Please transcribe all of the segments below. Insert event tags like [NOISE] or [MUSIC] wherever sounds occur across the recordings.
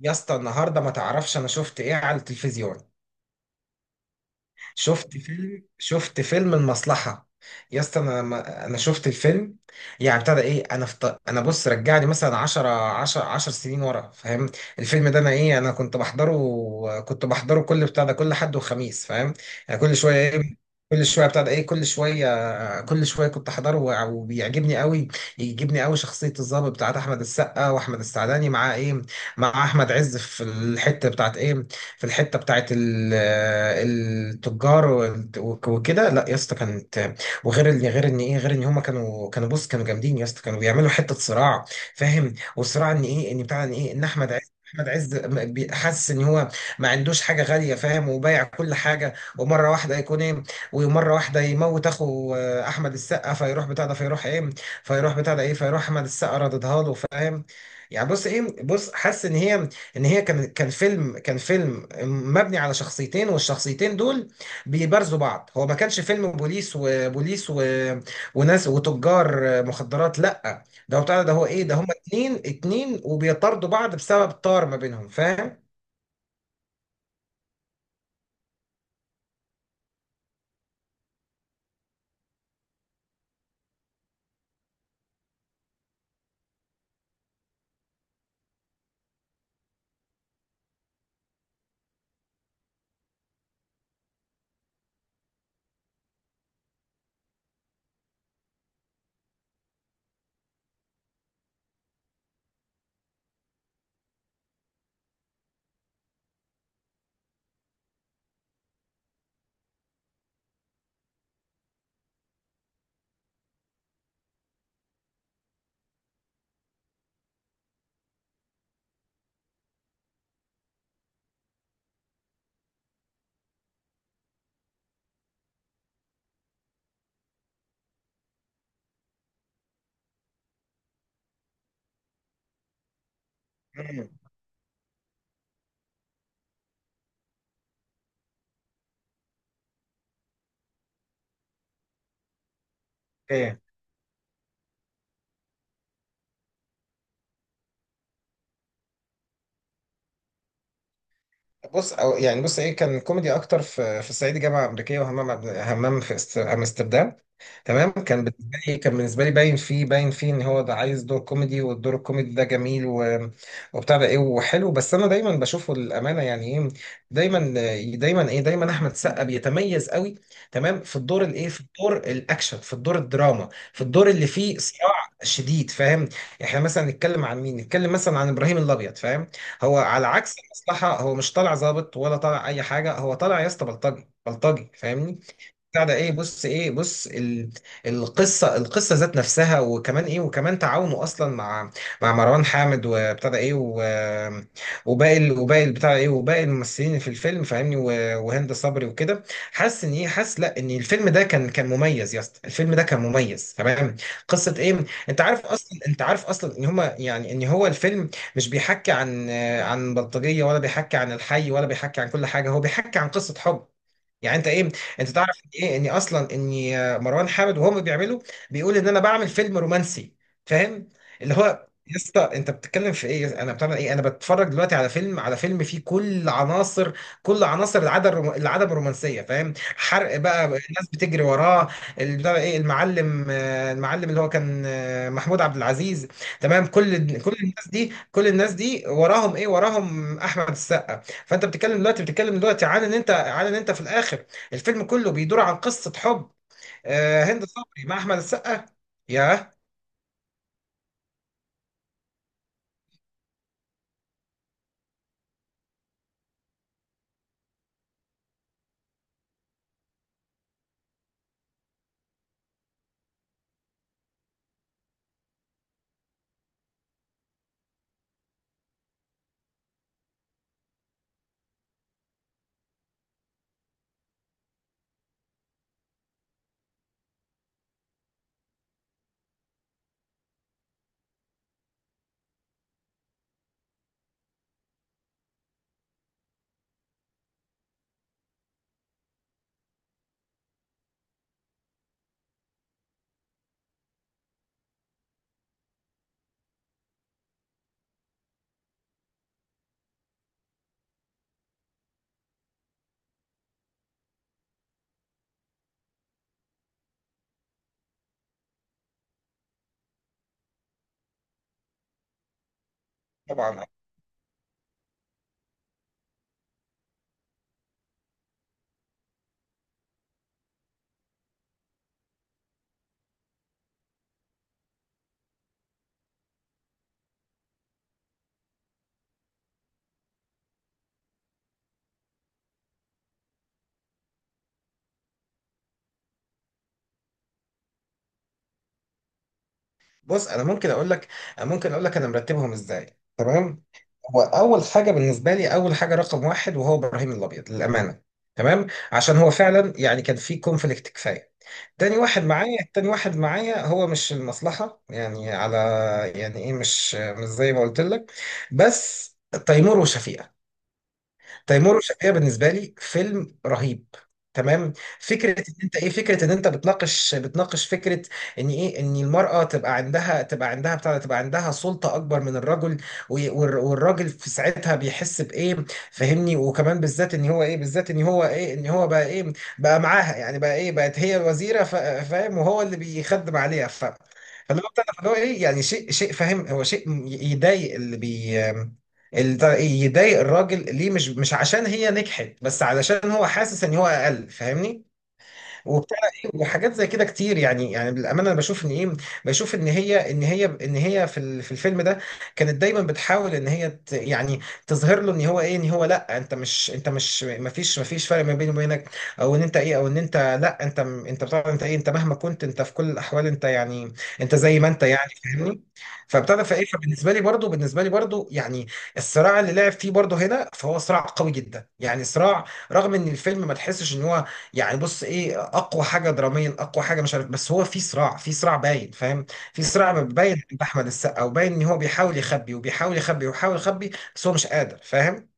يا اسطى النهارده ما تعرفش انا شفت ايه على التلفزيون. شفت فيلم شفت فيلم المصلحة. يا اسطى انا انا شفت الفيلم. يعني ابتدى ايه انا انا بص رجعني مثلا 10 سنين ورا فاهم. الفيلم ده انا ايه انا كنت بحضره، كنت بحضره كل بتاع ده كل حد وخميس فاهم. يعني كل شويه ايه، كل شويه بتاع ده ايه، كل شويه كل شويه كنت احضره وبيعجبني قوي، يعجبني قوي شخصيه الضابط بتاعت احمد السقا واحمد السعداني مع ايه، مع احمد عز في الحته بتاعت ايه، في الحته بتاعت آه، التجار وكده. لا يا اسطى كانت، وغير ان غير ان ايه غير ان هما كانوا بص كانوا جامدين يا اسطى، كانوا بيعملوا حته صراع فاهم. والصراع ان ايه ان بتاع ان ايه ان احمد عز، احمد عز حاسس ان هو ما عندوش حاجه غاليه فاهم، وبايع كل حاجه ومره واحده يكون ايه، ومره واحده يموت اخو آه، احمد السقا، فيروح بتاع ده فيروح ايه، فيروح بتاع ده ايه فيروح احمد السقا رددها له فاهم. يعني بص ايه بص حاسس ان هي، ان هي كان فيلم، كان فيلم مبني على شخصيتين، والشخصيتين دول بيبارزوا بعض. هو ما كانش فيلم بوليس وبوليس وناس وتجار مخدرات، لا ده هو بتاع ده هو ايه ده هما اتنين اتنين وبيطاردوا بعض بسبب طار ما بينهم فاهم؟ مم. اوكي. بص أو يعني بص ايه كان كوميدي اكتر في في الصعيدي جامعه امريكيه، وهمام همام في امستردام. تمام. كان بالنسبه لي كان بالنسبه لي باين فيه باين فيه ان هو ده عايز دور كوميدي، والدور الكوميدي ده جميل وبتاع ده ايه وحلو. بس انا دايما بشوفه الامانه يعني ايه، دايما، دايما ايه دايما احمد سقا بيتميز قوي تمام في الدور الايه في الدور الاكشن في الدور الدراما في الدور اللي فيه صراع شديد فاهم. يعني احنا مثلا نتكلم عن مين، نتكلم مثلا عن ابراهيم الابيض فاهم. هو على عكس المصلحه هو مش طالع ظابط ولا طالع اي حاجه، هو طالع يا اسطى بلطجي بلطجي فاهمني. بتاع ده ايه بص ايه القصه القصه ذات نفسها، وكمان ايه وكمان تعاونه اصلا مع، مع مروان حامد وبتاع ده ايه وباقي بتاع ده ايه وباقي الممثلين في الفيلم فاهمني وهند صبري وكده. حاسس ان ايه حاسس لا ان الفيلم ده كان مميز يا اسطى، الفيلم ده كان مميز تمام. قصه ايه، انت عارف اصلا انت عارف اصلا ان هما يعني ان هو الفيلم مش بيحكي عن، عن بلطجيه ولا بيحكي عن الحي ولا بيحكي عن كل حاجه، هو بيحكي عن قصه حب. يعني انت ايه انت تعرف ان ايه اني اصلا اني آه، مروان حامد وهم بيعملوا بيقول ان انا بعمل فيلم رومانسي فاهم. اللي هو يا اسطى انت بتتكلم في ايه، انا بتعمل ايه انا بتفرج دلوقتي على فيلم، على فيلم فيه كل عناصر، كل عناصر العدم العدم الرومانسيه فاهم، حرق بقى الناس بتجري وراه، اللي بتاع ايه المعلم آه، المعلم اللي هو كان آه، محمود عبد العزيز تمام، كل كل الناس دي كل الناس دي وراهم ايه وراهم احمد السقا. فانت بتتكلم دلوقتي بتتكلم دلوقتي عن ان انت عن ان انت في الاخر الفيلم كله بيدور عن قصة حب، آه، هند صبري مع أحمد السقا. ياه. طبعا. بص أنا ممكن أقول لك، ممكن أقول لك أنا مرتبهم إزاي تمام. هو أول حاجة بالنسبة لي أول حاجة رقم واحد وهو إبراهيم الأبيض للأمانة تمام، عشان هو فعلا يعني كان في كونفليكت كفاية. تاني واحد معايا، تاني واحد معايا هو مش المصلحة يعني على، يعني إيه مش مش زي ما قلت لك، بس تيمور وشفيقة، تيمور وشفيقة بالنسبه لي فيلم رهيب تمام. فكره ان انت ايه فكره ان انت بتناقش بتناقش فكره ان ايه ان المراه تبقى عندها تبقى عندها بتاع ده، تبقى عندها سلطه اكبر من الرجل، والراجل في ساعتها بيحس بايه فاهمني، وكمان بالذات ان هو ايه بالذات ان هو ايه ان هو بقى ايه بقى معاها، يعني بقى ايه بقت هي الوزيره فاهم، وهو اللي بيخدم عليها. ف فاللي هو بتاع ده، فاللي هو ايه يعني شيء شيء فاهم، هو شيء يضايق اللي بي يضايق الراجل ليه، مش مش عشان هي نجحت بس علشان هو حاسس ان هو اقل فاهمني. وبتاع ايه وحاجات زي كده كتير يعني، يعني بالامانه انا بشوف ان ايه، بشوف ان هي ان هي ان هي في في الفيلم ده كانت دايما بتحاول ان هي يعني تظهر له ان هو ايه ان هو لا انت مش انت مش ما فيش ما فيش فرق ما بيني وبينك، او ان انت ايه او ان انت لا انت انت بتاع انت ايه انت مهما كنت انت في كل الاحوال انت يعني انت زي ما انت يعني فاهمني. فابتدى فايه فبالنسبه لي برضو بالنسبه لي برضو يعني الصراع اللي لعب فيه برضو هنا، فهو صراع قوي جدا يعني صراع، رغم ان الفيلم ما تحسش ان هو يعني بص ايه اقوى حاجه دراميا اقوى حاجه مش عارف، بس هو في صراع في صراع باين فاهم، في صراع باين عند احمد السقا وباين ان هو بيحاول يخبي وبيحاول يخبي وبيحاول يخبي بس هو مش قادر فاهم.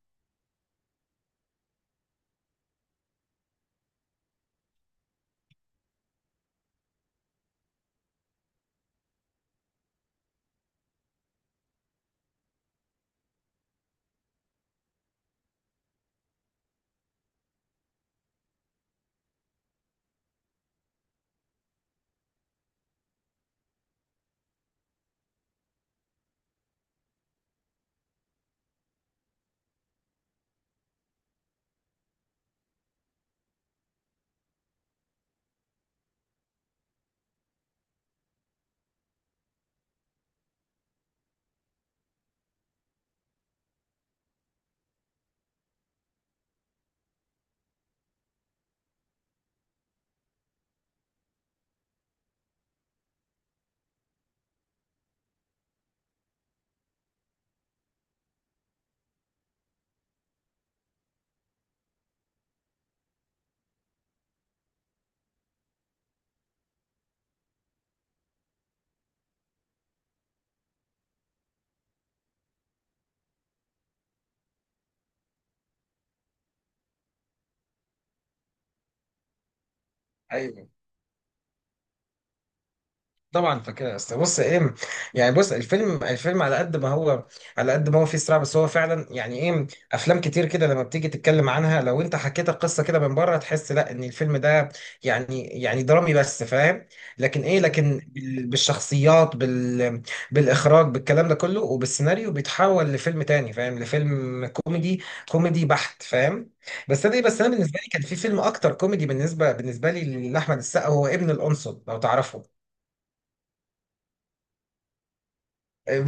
طبعا فاكرها يا اسطى. بص ايه يعني بص الفيلم، الفيلم على قد ما هو على قد ما هو فيه صراع، بس هو فعلا يعني ايه، افلام كتير كده لما بتيجي تتكلم عنها لو انت حكيت القصه كده من بره تحس لا ان الفيلم ده يعني يعني درامي بس فاهم، لكن ايه لكن بالشخصيات بال بالاخراج بالكلام ده كله وبالسيناريو بيتحول لفيلم تاني فاهم، لفيلم كوميدي، كوميدي بحت فاهم. بس انا ايه بس انا بالنسبه لي كان في فيلم اكتر كوميدي بالنسبه بالنسبه لي لاحمد السقا، هو ابن القنصل لو تعرفه.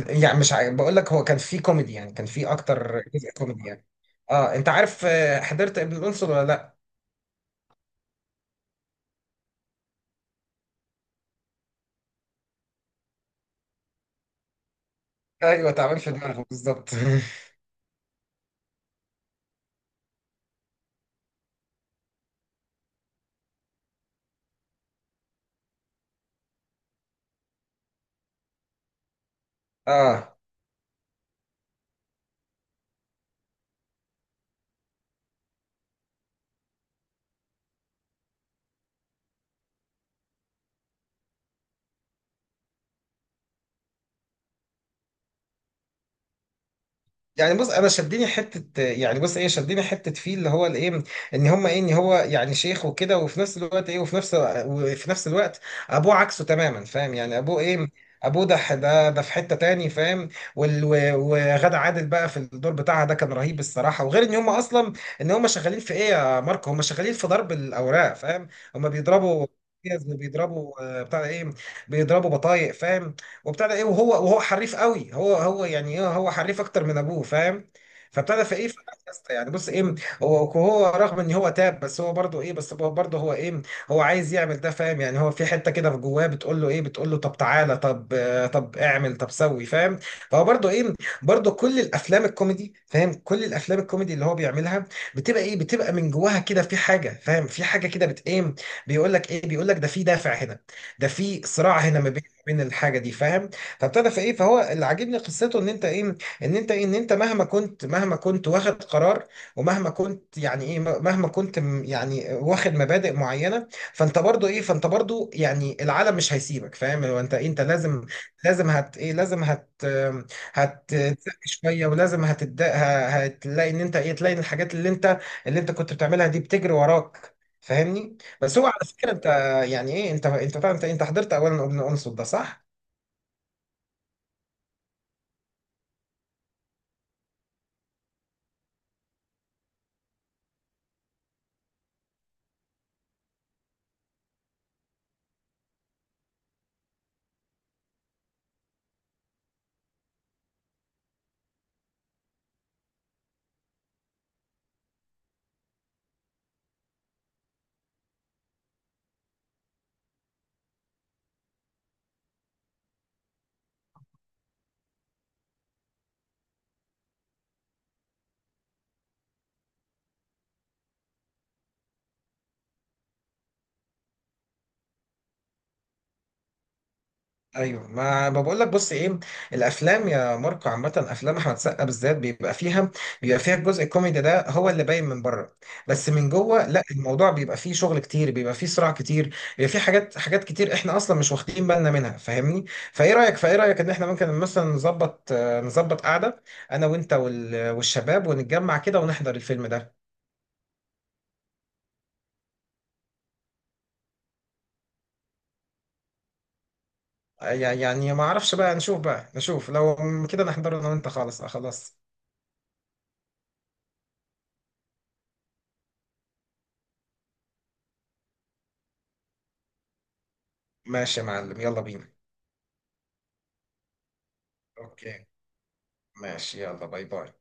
يعني مش عارف بقول لك، هو كان في كوميدي يعني كان في اكتر جزء كوميدي يعني. اه انت عارف آه، حضرت ابن الانصر ولا لا؟ ايوه تعبان في دماغه بالظبط [LAUGHS] اه. يعني بص انا شدني حته يعني بص ايه شدني حته فيه اللي هو الايه، ان هم ايه ان هو يعني شيخ وكده، وفي نفس الوقت ايه وفي نفس وفي نفس الوقت ابوه عكسه تماما فاهم، يعني ابوه ايه ابوه ده ده ده في حته تاني فاهم. وغادة عادل بقى في الدور بتاعها ده كان رهيب الصراحه، وغير ان هم اصلا ان هم شغالين في ايه يا ماركو، هم شغالين في ضرب الاوراق فاهم، هم بيضربوا بيضربوا آه، بتاع ده ايه، بيضربوا بطايق فاهم. وابتدى ايه، وهو وهو حريف قوي، هو هو يعني ايه هو حريف اكتر من ابوه فاهم. فابتدى في ايه في الأساسة يعني بص ايه، هو هو رغم ان هو تاب بس هو برضه ايه بس هو برضه هو ايه هو عايز يعمل ده فاهم، يعني هو في حته كده في جواه بتقول له ايه، بتقول له طب تعالى طب آه، طب اعمل طب سوي فاهم. فهو برضه ايه برضه كل الافلام الكوميدي فاهم، كل الافلام الكوميدي اللي هو بيعملها بتبقى ايه بتبقى من جواها كده في حاجه فاهم، في حاجه كده بت ايه بيقول لك ايه بيقول لك ده في دافع هنا، ده في صراع هنا ما بين الحاجه دي فاهم. فابتدى في ايه فهو اللي عاجبني قصته ان انت ايه ان انت ايه ان انت مهما كنت، مهما كنت واخد قرار ومهما كنت يعني ايه مهما كنت يعني واخد مبادئ معينه، فانت برضو ايه فانت برضو يعني العالم مش هيسيبك فاهم، هو انت إيه انت لازم، لازم هت ايه لازم هت هتتسق شويه، ولازم هتد هتلاقي ان انت ايه تلاقي إن الحاجات اللي انت اللي انت كنت بتعملها دي بتجري وراك فاهمني. بس هو على فكره انت آه، يعني ايه انت انت حضرت اولا ابن انصت ده صح؟ ايوه ما بقول لك بص ايه، الافلام يا ماركو عامه افلام احمد سقا بالذات بيبقى فيها، بيبقى فيها الجزء الكوميدي ده هو اللي باين من بره، بس من جوه لا، الموضوع بيبقى فيه شغل كتير بيبقى فيه صراع كتير، بيبقى فيه حاجات حاجات كتير احنا اصلا مش واخدين بالنا منها فاهمني؟ فايه رايك فايه رايك ان احنا ممكن مثلا نظبط آه، نظبط قعده انا وانت والشباب ونتجمع كده ونحضر الفيلم ده. يعني ما اعرفش بقى نشوف بقى نشوف لو كده نحضر انا وانت خالص آه، خلاص. ماشي يا معلم يلا بينا. اوكي، ماشي، يلا باي باي.